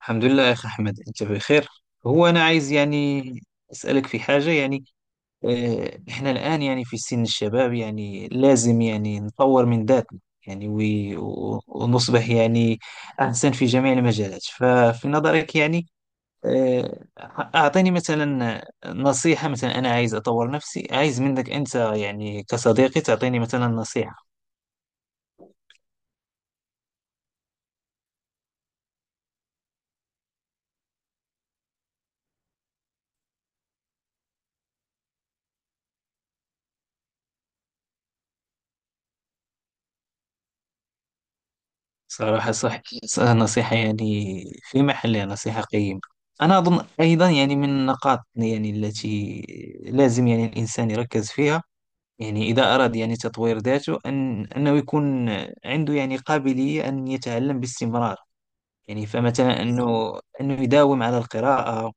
الحمد لله يا أخي أحمد، أنت بخير. هو أنا عايز يعني أسألك في حاجة يعني. إحنا الآن يعني في سن الشباب يعني لازم يعني نطور من ذاتنا. يعني ونصبح يعني أحسن في جميع المجالات. ففي نظرك يعني آه، أعطيني مثلا نصيحة. مثلا أنا عايز أطور نفسي، عايز منك أنت يعني كصديقي تعطيني مثلا نصيحة. صراحة صح، نصيحة يعني في محلها، نصيحة قيمة. أنا أظن أيضا يعني من النقاط يعني التي لازم يعني الإنسان يركز فيها، يعني إذا أراد يعني تطوير ذاته أن أنه يكون عنده يعني قابلية أن يتعلم باستمرار. يعني فمثلا أنه يداوم على القراءة،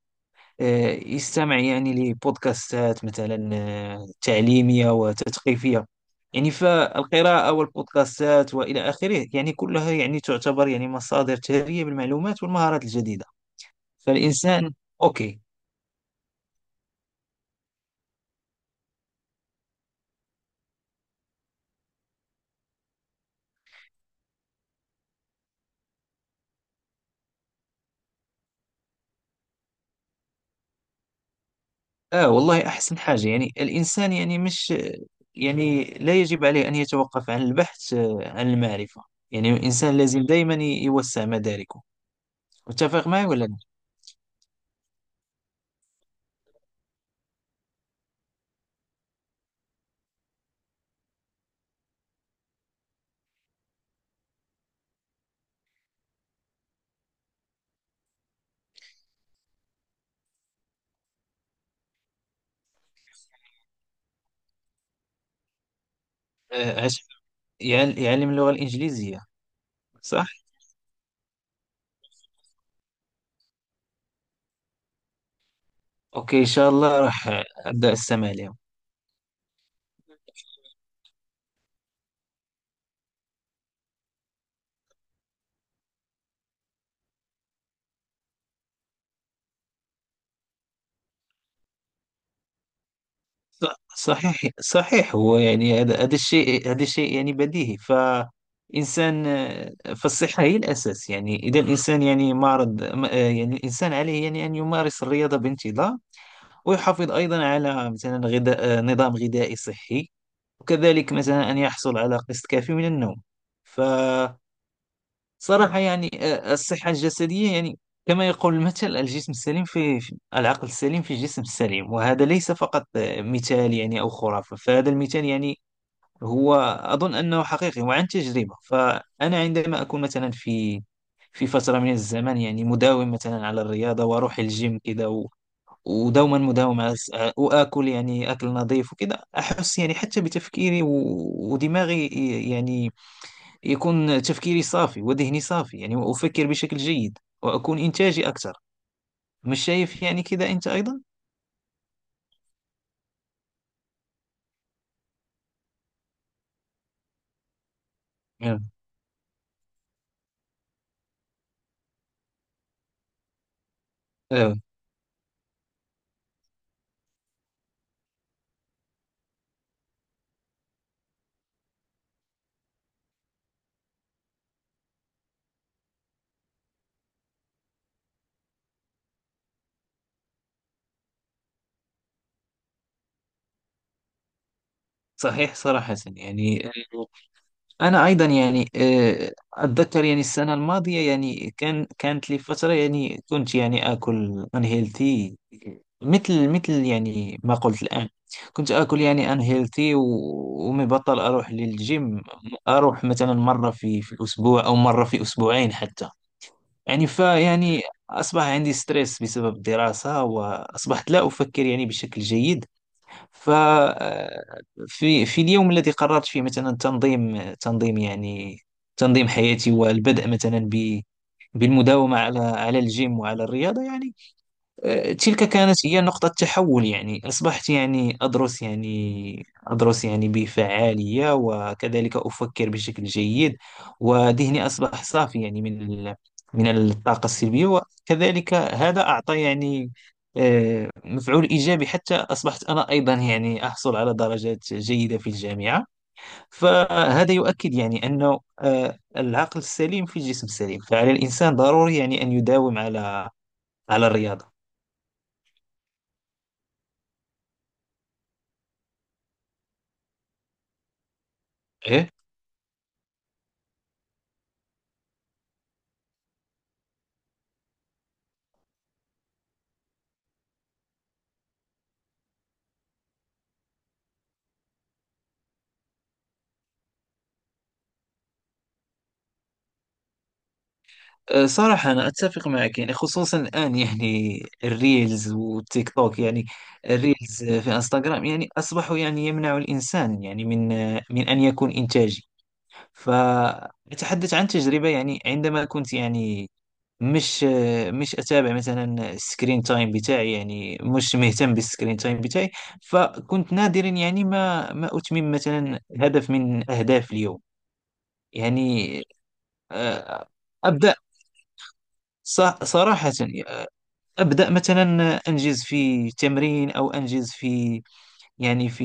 يستمع يعني لبودكاستات مثلا تعليمية وتثقيفية. يعني فالقراءة والبودكاستات وإلى آخره يعني كلها يعني تعتبر يعني مصادر ثرية بالمعلومات والمهارات الجديدة. فالإنسان، أوكي. والله أحسن حاجة يعني الإنسان يعني مش، يعني لا يجب عليه أن يتوقف عن البحث عن المعرفة. يعني الإنسان لازم دائما يوسع مداركه. متفق معي ولا لا؟ آه، عش- يعلم اللغة الإنجليزية. صح؟ اوكي ان شاء الله راح ابدا استمع لهم. ص- صحيح صحيح، هو يعني هذا الشيء، يعني بديهي. فإنسان، فالصحة هي الأساس. يعني إذا الإنسان يعني معرض يعني الإنسان عليه يعني أن يمارس الرياضة بانتظام، ويحافظ أيضا على مثلا نظام غذائي صحي، وكذلك مثلا أن يحصل على قسط كافي من النوم. صراحة يعني الصحة الجسدية يعني كما يقول المثل، الجسم السليم العقل السليم في الجسم السليم. وهذا ليس فقط مثال يعني أو خرافة. فهذا المثال يعني هو أظن أنه حقيقي وعن تجربة. فأنا عندما أكون مثلا في فترة من الزمن يعني مداوم مثلا على الرياضة وأروح الجيم كده ودوما مداوم على وآكل يعني أكل نظيف وكده. أحس يعني حتى بتفكيري ودماغي يعني يكون تفكيري صافي وذهني صافي، يعني وأفكر بشكل جيد وأكون إنتاجي أكثر. مش شايف يعني كذا أنت أيضا؟ آه. آه. صحيح صراحة يعني. أنا أيضا يعني أتذكر يعني السنة الماضية يعني كانت لي فترة يعني كنت يعني آكل unhealthy، مثل يعني ما قلت الآن. كنت آكل يعني unhealthy ومبطل أروح للجيم. أروح مثلا مرة في الأسبوع أو مرة في أسبوعين حتى. يعني أصبح عندي ستريس بسبب الدراسة وأصبحت لا أفكر يعني بشكل جيد. ففي في في اليوم الذي قررت فيه مثلا تنظيم يعني تنظيم حياتي والبدء مثلا بالمداومة على الجيم وعلى الرياضة يعني. تلك كانت هي نقطة تحول، يعني أصبحت يعني أدرس يعني أدرس يعني بفعالية، وكذلك أفكر بشكل جيد وذهني أصبح صافي يعني من الطاقة السلبية. وكذلك هذا أعطى يعني مفعول إيجابي حتى أصبحت أنا أيضا يعني أحصل على درجات جيدة في الجامعة. فهذا يؤكد يعني أنه العقل السليم في الجسم السليم. فعلى الإنسان ضروري يعني أن يداوم على الرياضة. إيه. صراحة أنا أتفق معك يعني، خصوصا الآن يعني الريلز والتيك توك يعني. الريلز في انستغرام يعني أصبحوا يعني يمنع الإنسان يعني من من أن يكون إنتاجي. فأتحدث عن تجربة يعني عندما كنت يعني مش أتابع مثلا السكرين تايم بتاعي، يعني مش مهتم بالسكرين تايم بتاعي. فكنت نادرا يعني ما أتمم مثلا هدف من أهداف اليوم. يعني أه، أبدأ، صراحة يعني أبدأ مثلا أنجز في تمرين أو أنجز في، يعني في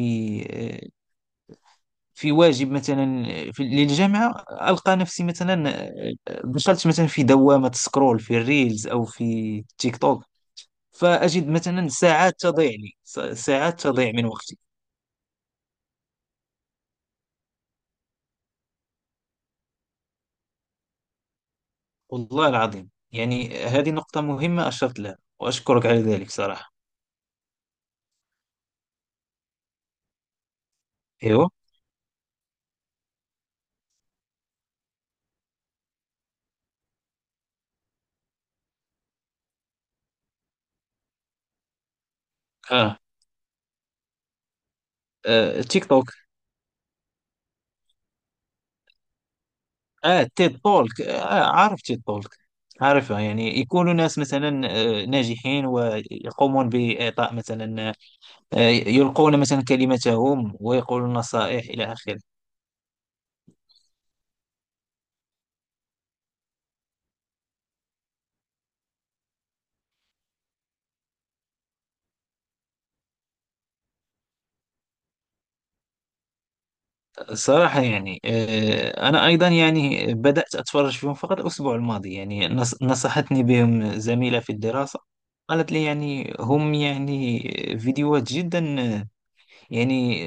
واجب مثلا في للجامعة. ألقى نفسي مثلا دخلت مثلا في دوامة سكرول في الريلز أو في تيك توك. فأجد مثلا ساعات تضيع لي، ساعات تضيع من وقتي. والله العظيم يعني هذه نقطة مهمة أشرت لها، وأشكرك على ذلك صراحة. أيوه. آه. تيك توك. اه، تيد تولك. عارف تيد تولك، عارفه يعني. يكونوا ناس مثلا ناجحين ويقومون بإعطاء مثلا آه، يلقون مثلا كلمتهم ويقولون نصائح إلى آخره. الصراحة يعني أنا أيضا يعني بدأت أتفرج فيهم فقط الأسبوع الماضي. يعني نصحتني بهم زميلة في الدراسة، قالت لي يعني هم يعني فيديوهات جدا يعني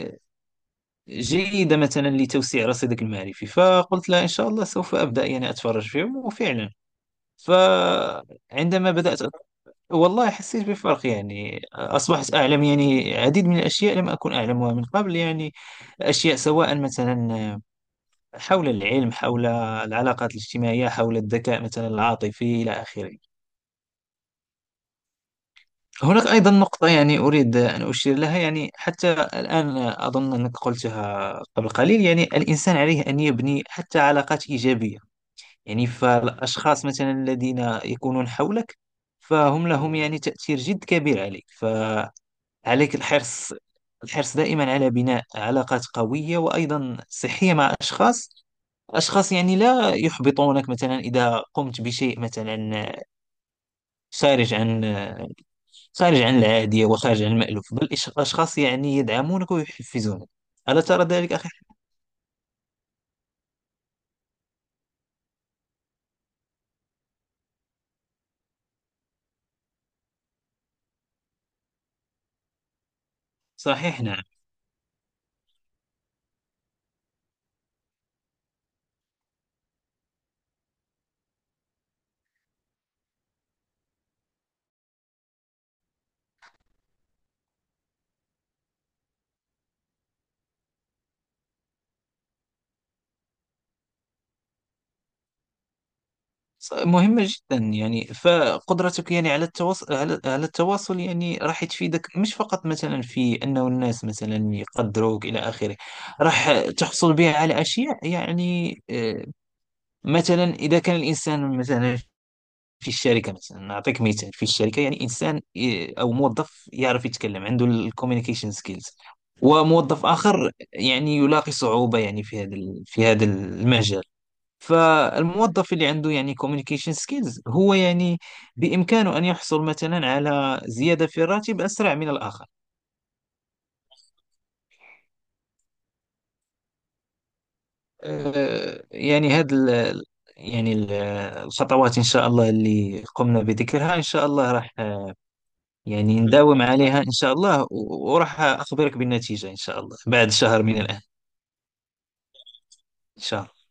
جيدة مثلا لتوسيع رصيدك المعرفي. فقلت لها إن شاء الله سوف أبدأ يعني أتفرج فيهم. وفعلا فعندما والله حسيت بفرق يعني. أصبحت أعلم يعني العديد من الأشياء لم أكن أعلمها من قبل، يعني أشياء سواء مثلا حول العلم، حول العلاقات الاجتماعية، حول الذكاء مثلا العاطفي إلى آخره. هناك أيضا نقطة يعني أريد أن أشير لها، يعني حتى الآن أظن أنك قلتها قبل قليل. يعني الإنسان عليه أن يبني حتى علاقات إيجابية. يعني فالأشخاص مثلا الذين يكونون حولك فهم لهم يعني تأثير جد كبير عليك، فعليك الحرص الحرص دائما على بناء علاقات قوية وأيضا صحية مع أشخاص يعني لا يحبطونك مثلا إذا قمت بشيء مثلا خارج عن خارج عن العادية وخارج عن المألوف، بل أشخاص يعني يدعمونك ويحفزونك. ألا ترى ذلك أخي؟ صحيح، نعم. مهمة جدا يعني. فقدرتك يعني على التواصل، على التواصل يعني راح تفيدك، مش فقط مثلا في أنه الناس مثلا يقدروك إلى آخره. راح تحصل بها على أشياء يعني مثلا إذا كان الإنسان مثلا في الشركة، مثلا نعطيك مثال في الشركة، يعني إنسان أو موظف يعرف يتكلم عنده الكوميونيكيشن سكيلز، وموظف آخر يعني يلاقي صعوبة يعني في هذا المجال. فالموظف اللي عنده يعني communication skills هو يعني بإمكانه أن يحصل مثلا على زيادة في الراتب أسرع من الآخر. يعني هذا ال- يعني ال- الخطوات إن شاء الله اللي قمنا بذكرها، إن شاء الله راح يعني نداوم عليها إن شاء الله، وراح أخبرك بالنتيجة إن شاء الله بعد شهر من الآن. إن شاء الله.